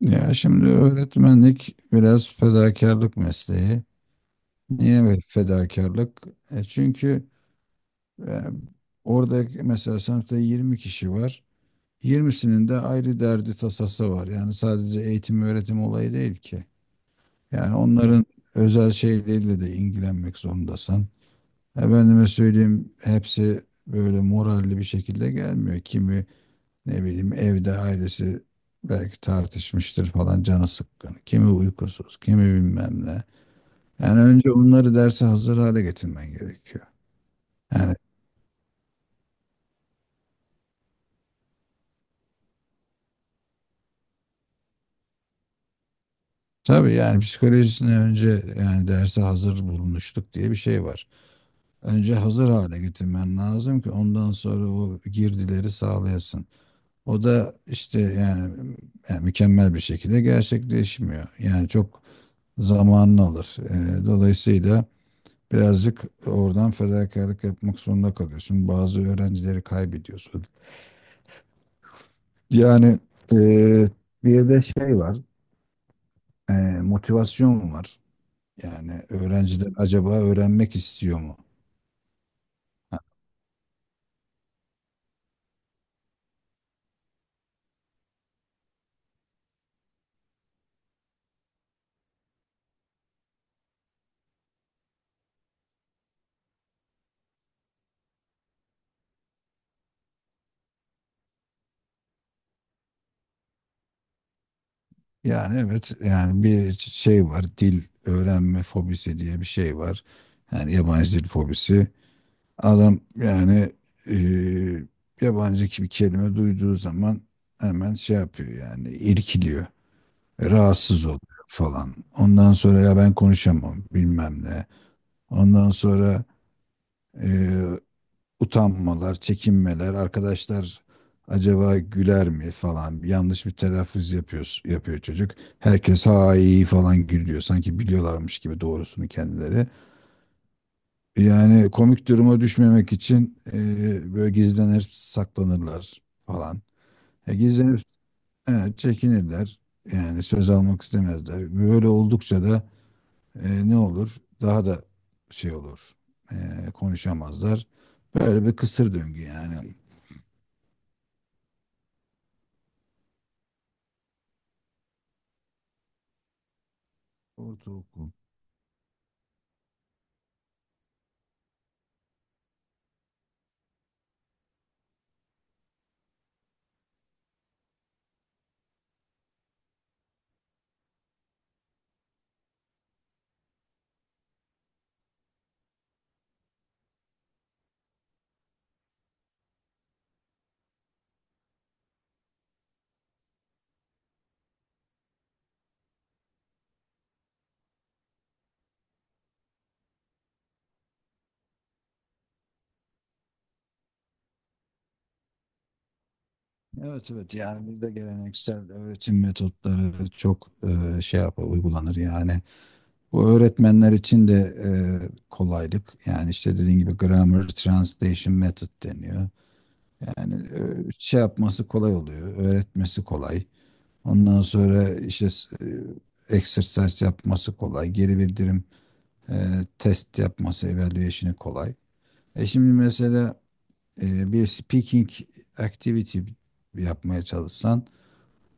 Ya şimdi öğretmenlik biraz fedakarlık mesleği. Niye ve fedakarlık? Çünkü e, orada mesela sınıfta 20 kişi var. 20'sinin de ayrı derdi tasası var. Yani sadece eğitim öğretim olayı değil ki. Yani onların özel şeyleriyle de ilgilenmek zorundasın. Efendime söyleyeyim hepsi böyle moralli bir şekilde gelmiyor. Kimi ne bileyim evde ailesi belki tartışmıştır falan canı sıkkın. Kimi uykusuz, kimi bilmem ne. Yani önce bunları derse hazır hale getirmen gerekiyor. Yani tabii yani psikolojisini önce, yani derse hazır bulmuşluk diye bir şey var. Önce hazır hale getirmen lazım ki ondan sonra o girdileri sağlayasın. O da işte yani mükemmel bir şekilde gerçekleşmiyor. Yani çok zamanını alır. Dolayısıyla birazcık oradan fedakarlık yapmak zorunda kalıyorsun. Bazı öğrencileri kaybediyorsun. Yani eee, Bir de şey var, motivasyon var. Yani öğrenciler acaba öğrenmek istiyor mu? Yani evet, yani bir şey var, dil öğrenme fobisi diye bir şey var. Yani yabancı dil fobisi. Adam yani eee, yabancı bir kelime duyduğu zaman hemen şey yapıyor, yani irkiliyor, rahatsız oluyor falan. Ondan sonra ya ben konuşamam bilmem ne. Ondan sonra e, utanmalar, çekinmeler, arkadaşlar acaba güler mi falan, yanlış bir telaffuz yapıyor, yapıyor çocuk. Herkes ha iyi falan gülüyor sanki biliyorlarmış gibi doğrusunu kendileri. Yani komik duruma düşmemek için böyle gizlenir saklanırlar falan. E, gizlenip çekinirler, yani söz almak istemezler. Böyle oldukça da ne olur? Daha da şey olur. E, Konuşamazlar. Böyle bir kısır döngü yani. Ortaokul. Evet evet, yani bizde geleneksel öğretim metotları çok şey yapar, uygulanır yani. Bu öğretmenler için de e, kolaylık. Yani işte dediğin gibi grammar translation method deniyor. Yani şey yapması kolay oluyor. Öğretmesi kolay. Ondan sonra işte e, exercise yapması kolay. Geri bildirim, E, test yapması, evaluation'ı kolay. E şimdi mesela bir speaking activity yapmaya çalışsan,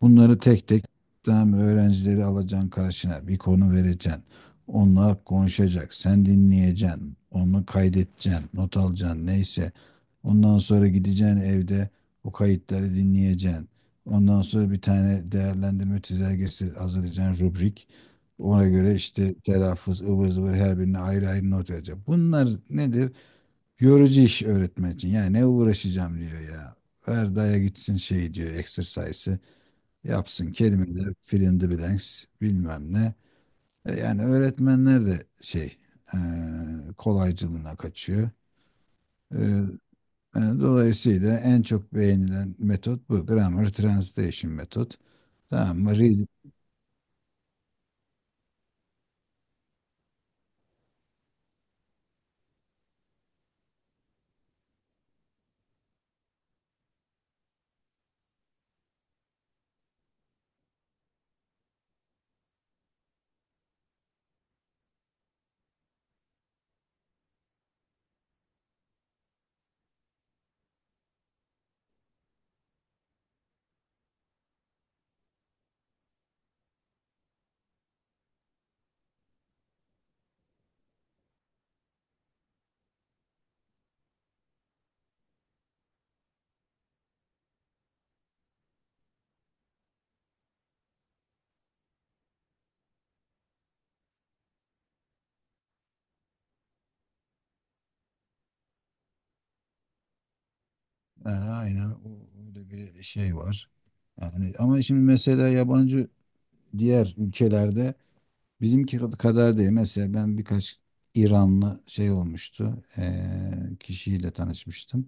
bunları tek tek tam öğrencileri alacaksın karşına. Bir konu vereceksin. Onlar konuşacak. Sen dinleyeceksin. Onu kaydedeceksin. Not alacaksın. Neyse. Ondan sonra gideceksin evde o kayıtları dinleyeceksin. Ondan sonra bir tane değerlendirme çizelgesi hazırlayacaksın, rubrik. Ona göre işte telaffuz, ıvır zıvır her birine ayrı ayrı not verecek. Bunlar nedir? Yorucu iş öğretmen için. Yani ne uğraşacağım diyor ya. Ver daya gitsin şey diyor, exercise'ı. Yapsın kelimeler, fill in the blanks, bilmem ne. Yani öğretmenler de şey, e, kolaycılığına kaçıyor. E, Dolayısıyla en çok beğenilen metot bu. Grammar Translation metot. Tamam mı? Real, yani aynen öyle bir şey var. Yani ama şimdi mesela yabancı diğer ülkelerde bizimki kadar değil. Mesela ben birkaç İranlı şey olmuştu, kişiyle tanışmıştım.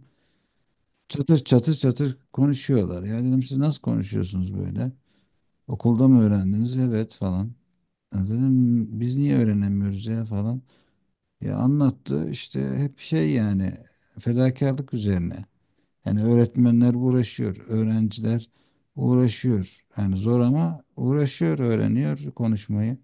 Çatır çatır çatır konuşuyorlar. Ya dedim siz nasıl konuşuyorsunuz böyle? Okulda mı öğrendiniz? Evet falan. Ya dedim biz niye öğrenemiyoruz ya falan. Ya anlattı işte hep şey, yani fedakarlık üzerine. Yani öğretmenler uğraşıyor, öğrenciler uğraşıyor. Yani zor, ama uğraşıyor, öğreniyor konuşmayı.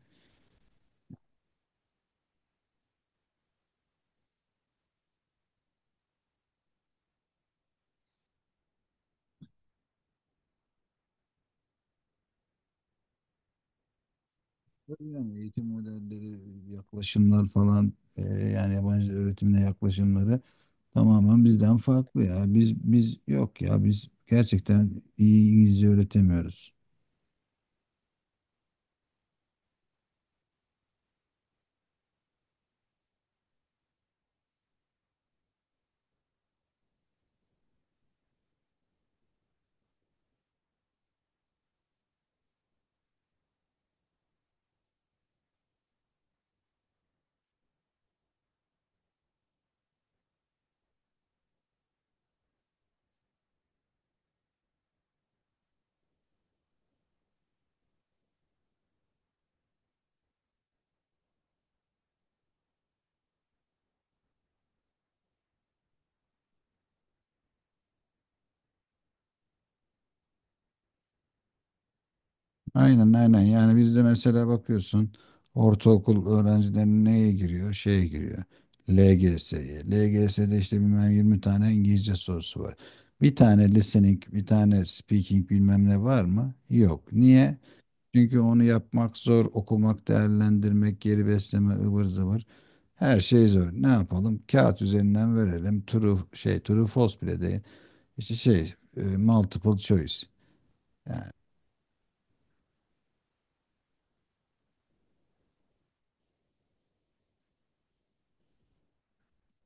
Tabii. Yani eğitim modelleri, yaklaşımlar falan, yani yabancı öğretimle yaklaşımları tamamen bizden farklı ya. Biz yok ya, biz gerçekten iyi İngilizce öğretemiyoruz. Aynen aynen, yani bizde mesela bakıyorsun ortaokul öğrencileri neye giriyor? Şeye giriyor. LGS'ye. LGS'de işte bilmem 20 tane İngilizce sorusu var. Bir tane listening, bir tane speaking bilmem ne var mı? Yok. Niye? Çünkü onu yapmak zor, okumak, değerlendirmek, geri besleme, ıvır zıvır. Her şey zor. Ne yapalım? Kağıt üzerinden verelim. True şey, true false bile değil. İşte şey, multiple choice. Yani,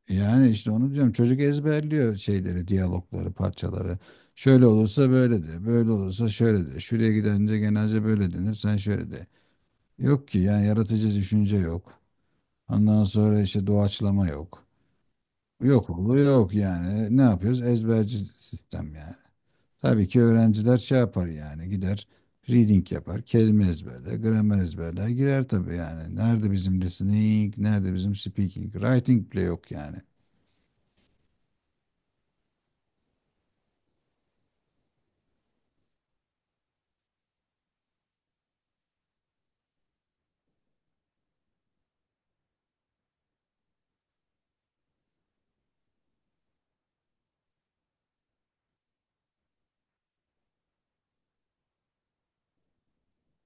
yani, işte onu diyorum. Çocuk ezberliyor şeyleri, diyalogları, parçaları. Şöyle olursa böyle de, böyle olursa şöyle de. Şuraya gidince genelce böyle denir, sen şöyle de. Yok ki yani, yaratıcı düşünce yok. Ondan sonra işte doğaçlama yok. Yok olur yok yani. Ne yapıyoruz? Ezberci sistem yani. Tabii ki öğrenciler şey yapar, yani gider reading yapar. Kelime ezberler, gramer ezberler, girer tabii yani. Nerede bizim listening, nerede bizim speaking? Writing bile yok yani.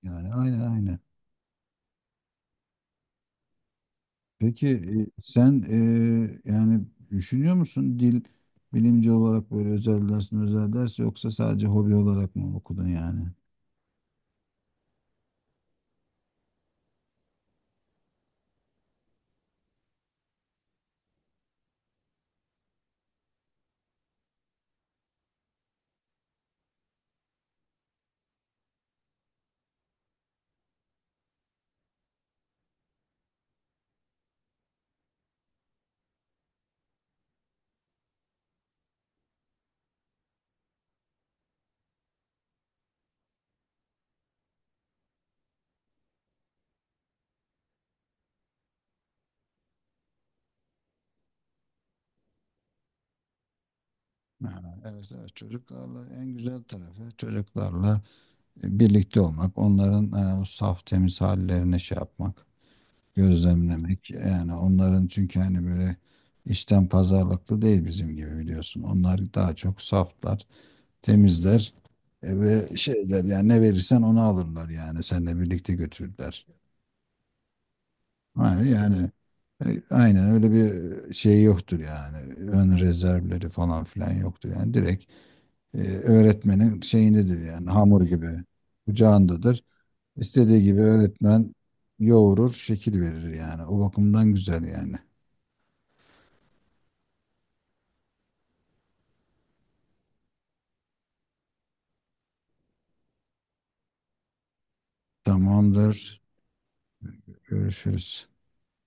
Yani aynen aynen. Peki sen yani düşünüyor musun dil bilimci olarak böyle özel ders mi özel ders yoksa sadece hobi olarak mı okudun yani? Ha, evet evet, çocuklarla en güzel tarafı çocuklarla birlikte olmak, onların o saf temiz hallerine şey yapmak, gözlemlemek. Yani onların çünkü hani böyle içten pazarlıklı değil bizim gibi, biliyorsun. Onlar daha çok saflar, temizler ve şeyler yani, ne verirsen onu alırlar, yani seninle birlikte götürürler. Yani, aynen öyle bir şey yoktur yani. Ön rezervleri falan filan yoktur yani, direkt öğretmenin şeyindedir, yani hamur gibi kucağındadır. İstediği gibi öğretmen yoğurur, şekil verir yani. O bakımdan güzel yani. Tamamdır. Görüşürüz.